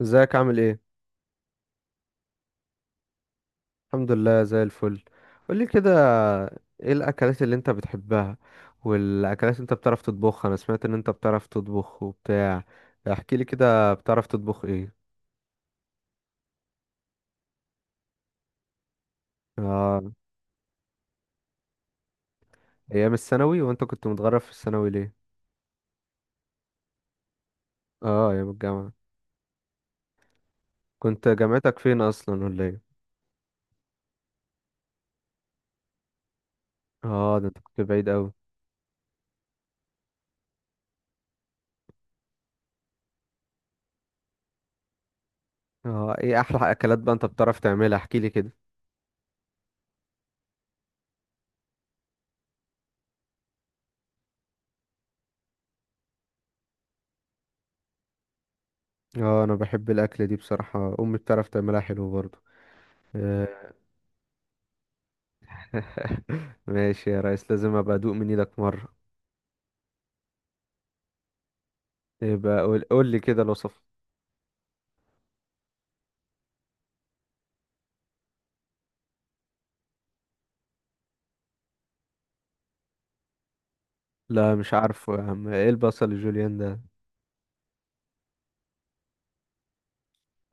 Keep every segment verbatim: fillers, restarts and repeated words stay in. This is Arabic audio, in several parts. ازيك؟ عامل ايه؟ الحمد لله، زي الفل. قولي كده. ايه الاكلات اللي انت بتحبها والاكلات اللي انت بتعرف تطبخها؟ انا سمعت ان انت بتعرف تطبخ وبتاع. احكي لي كده، بتعرف تطبخ ايه؟ اه، ايام الثانوي؟ وانت كنت متغرب في الثانوي ليه؟ اه، ايام الجامعة. كنت جامعتك فين اصلا ولا ايه؟ اه، ده انت كنت بعيد قوي. اه، ايه احلى اكلات بقى انت بتعرف تعملها؟ احكي لي كده. اه، انا بحب الاكله دي بصراحه، امي بتعرف تعملها حلو برضه. ماشي يا ريس، لازم ابقى ادوق من ايدك مرة. يبقى قول قول لي كده الوصف. لا، مش عارفه يا عم، ايه البصل الجوليان ده؟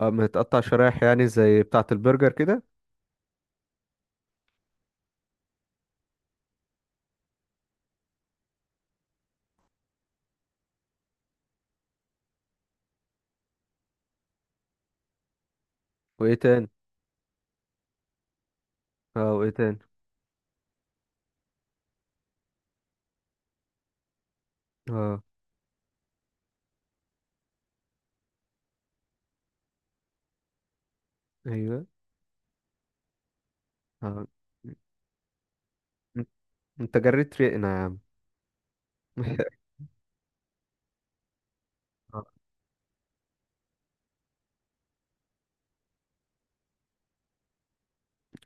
اه، متقطع شرايح، يعني زي بتاعة البرجر كده. وايه تاني؟ اه، وايه تاني؟ اه. ايوه. اه، انت انت جريت ريقنا يا عم. اه.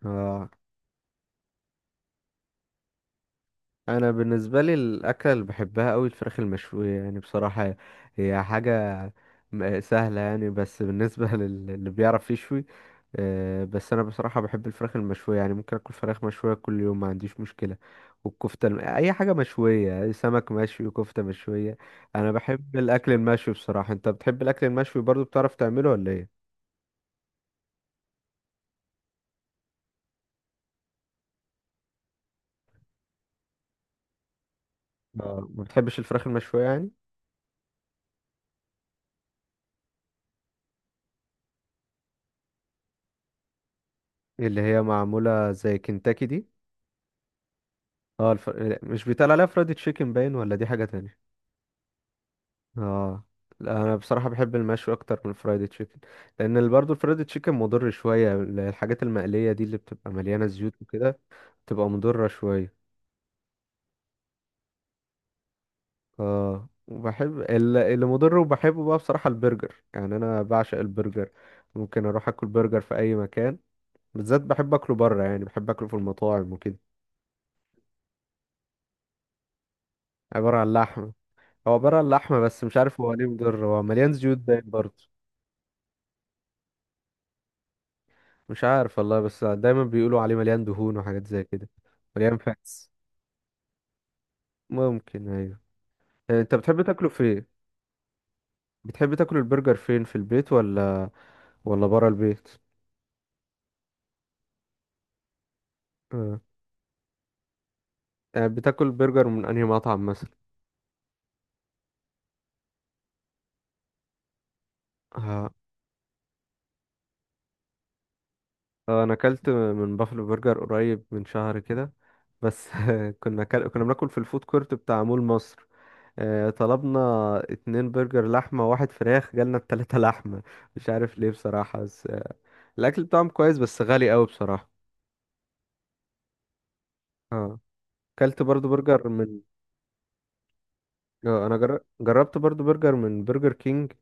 آه. انا بالنسبه لي، الاكله اللي بحبها قوي الفراخ المشويه يعني بصراحه. هي حاجه م- سهله يعني، بس بالنسبه لل- اللي بيعرف يشوي. آه، بس انا بصراحه بحب الفراخ المشويه، يعني ممكن اكل فراخ مشويه كل يوم، ما عنديش مشكله. والكفته الم... اي حاجه مشويه، سمك مشوي، كفته مشويه. انا بحب الاكل المشوي بصراحه. انت بتحب الاكل المشوي برضو؟ بتعرف تعمله ولا ايه؟ اه، ما بتحبش الفراخ المشويه يعني؟ اللي هي معموله زي كنتاكي دي؟ اه، الف... مش بيتقال عليها فرايد تشيكن باين؟ ولا دي حاجه تانية؟ اه. لا، انا بصراحه بحب المشوي اكتر من الفرايد تشيكن. لان ال- برضو الفرايد تشيكن مضر شويه، الحاجات المقليه دي اللي بتبقى مليانه زيوت وكده. تبقى مضرة شوية. اه، وبحب ال- اللي مضر، وبحبه بقى بصراحة البرجر، يعني انا بعشق البرجر. ممكن اروح اكل برجر في اي مكان. بالذات بحب اكله بره، يعني بحب اكله في المطاعم وكده. عبارة عن لحمة. هو عبارة عن لحمة، بس مش عارف هو ليه مضر، هو مليان زيوت باين برضه. مش عارف والله، بس دايما بيقولوا عليه مليان دهون وحاجات زي كده. مليان فاتس. ممكن، ايوه. آه، انت بتحب تاكله فين؟ بتحب تاكل البرجر فين؟ في البيت ولا ولا بره البيت؟ آه. آه، بتاكل برجر من انهي مطعم مثلا؟ آه، آه، انا اكلت من بافلو برجر قريب من شهر كده. بس، كنا كل... كنا بناكل في الفود كورت بتاع مول مصر. آه، طلبنا اتنين برجر لحمة واحد فراخ، جالنا التلاتة لحمة. مش عارف ليه بصراحة، بس آه، الأكل بتاعهم كويس بس غالي قوي بصراحة. اه، اكلت برضو برجر من. آه، انا جر... جربت برضو برجر من برجر كينج.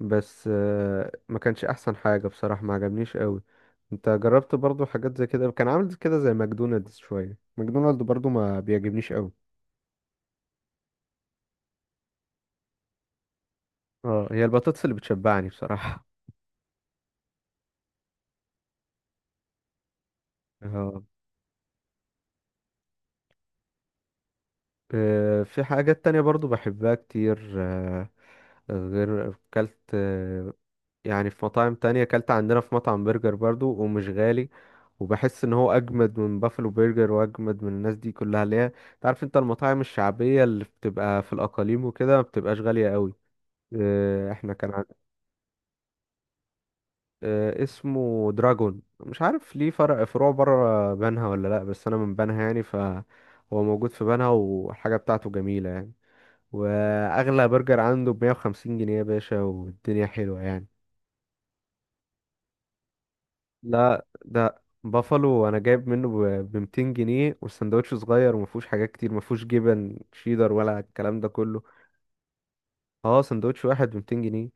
بس آه، ما كانش احسن حاجة بصراحة، ما عجبنيش قوي. انت جربت برضو حاجات زي كده؟ كان عامل كده زي ماكدونالدز، شوية، ماكدونالدز برضو ما بيعجبنيش قوي. اه، هي البطاطس اللي بتشبعني بصراحة. اه. آه، في حاجات تانية برضو بحبها كتير، آه، غير كلت. يعني في مطاعم تانية، اكلت عندنا في مطعم برجر برضو ومش غالي. وبحس ان هو اجمد من بافلو برجر واجمد من الناس دي كلها، اللي هي. تعرف انت المطاعم الشعبية اللي بتبقى في الاقاليم وكده، ما بتبقاش غالية قوي. آه، احنا كان عن... آه، اسمه دراجون، مش عارف ليه فرع، فروع بره بنها ولا لا، بس انا من بنها يعني فهو موجود في بنها، والحاجة بتاعته جميلة يعني. واغلى برجر عنده بمية وخمسين جنيه يا باشا، والدنيا حلوة يعني. لا، ده بافالو، انا جايب منه ب مئتين جنيه، والسندوتش صغير وما فيهوش حاجات كتير، ما فيهوش جبن شيدر ولا الكلام ده كله. اه، سندوتش واحد ب مئتين جنيه.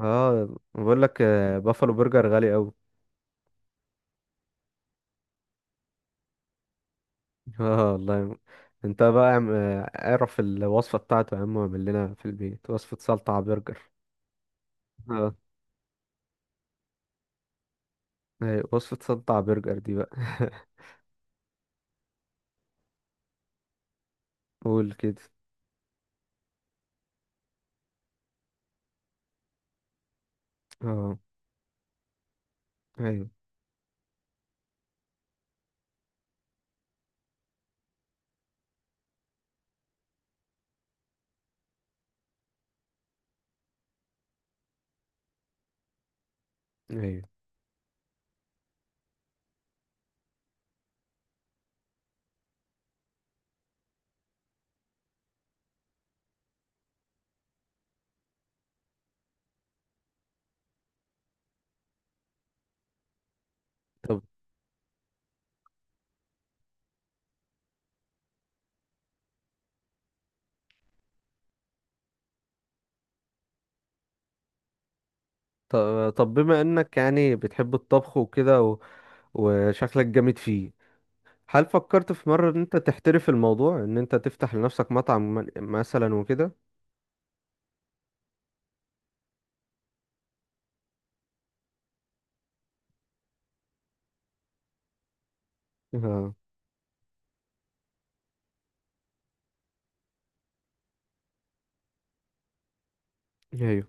اه، بقول لك، آه، بافالو برجر غالي قوي. اه والله. انت بقى اعم- آه، اعرف الوصفه بتاعته يا عم، واعمل لنا في البيت وصفه سلطه على برجر. اه، أيوة، وصفه سلطه على برجر دي بقى. قول كده. اه، ايوه، ايوه. طب، طب، طب، بما انك يعني بتحب الطبخ وكده، وشكلك جامد فيه. هل فكرت في مرة ان انت تحترف الموضوع، ان انت تفتح لنفسك مطعم م- مثلا وكده؟ اه، ايوه.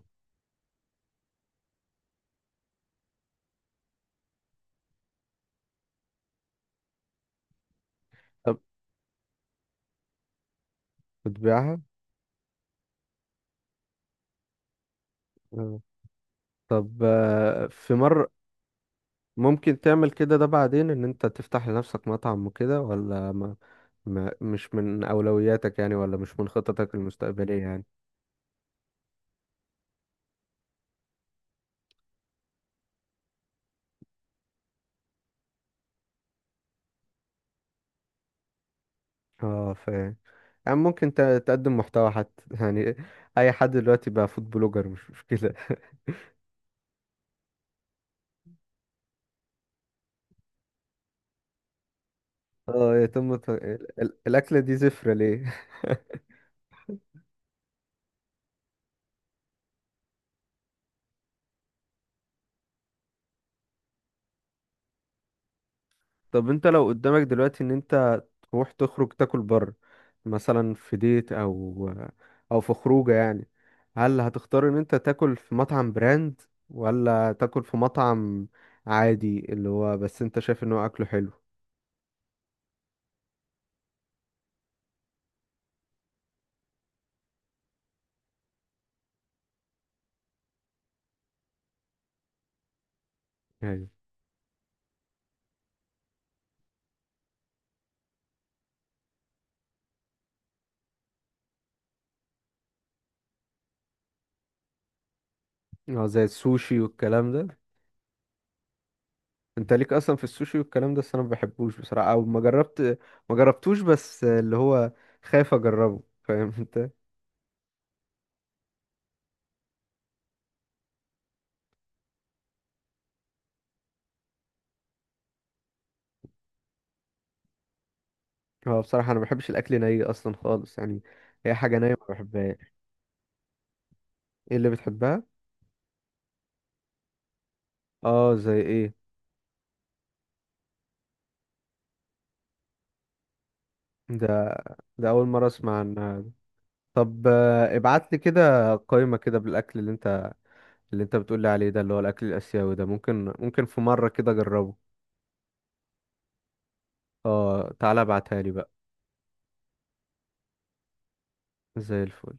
طب، بتبيعها؟ اه. طب، آه، في مرة ممكن تعمل كده ده بعدين ان انت تفتح لنفسك مطعم وكده ولا ما ما مش من اولوياتك يعني، ولا مش من خططك المستقبلية يعني؟ اه، ف يعني ممكن ت- تقدم محتوى حتى، يعني. اي حد دلوقتي بقى فود بلوجر، مش مشكلة. اه، يتم ت- ال- ال- الاكلة دي زفرة ليه؟ طب، انت لو قدامك دلوقتي ان انت تروح تخرج تاكل بره، مثلا في ديت او او في خروجه يعني. هل هتختار ان انت تاكل في مطعم براند، ولا تاكل في مطعم عادي اللي هو بس انت شايف ان هو اكله حلو؟ يعني. اه، زي السوشي والكلام ده. انت ليك اصلا في السوشي والكلام ده؟ بس انا ما بحبوش بصراحه، او ما جربت ما جربتوش، بس اللي هو خايف اجربه، فاهم انت؟ هو بصراحه انا ما بحبش الاكل ني اصلا خالص يعني. هي حاجه نيه ما بحبهاش. ايه اللي بتحبها؟ اه، زي ايه؟ ده ده اول مره اسمع عنها دي. طب، آه، ابعت لي كده قائمه كده بالاكل اللي انت اللي انت بتقول لي عليه ده اللي هو الاكل الاسيوي ده، ممكن ممكن في مره كده اجربه. اه، تعالى ابعتها لي بقى. زي الفل.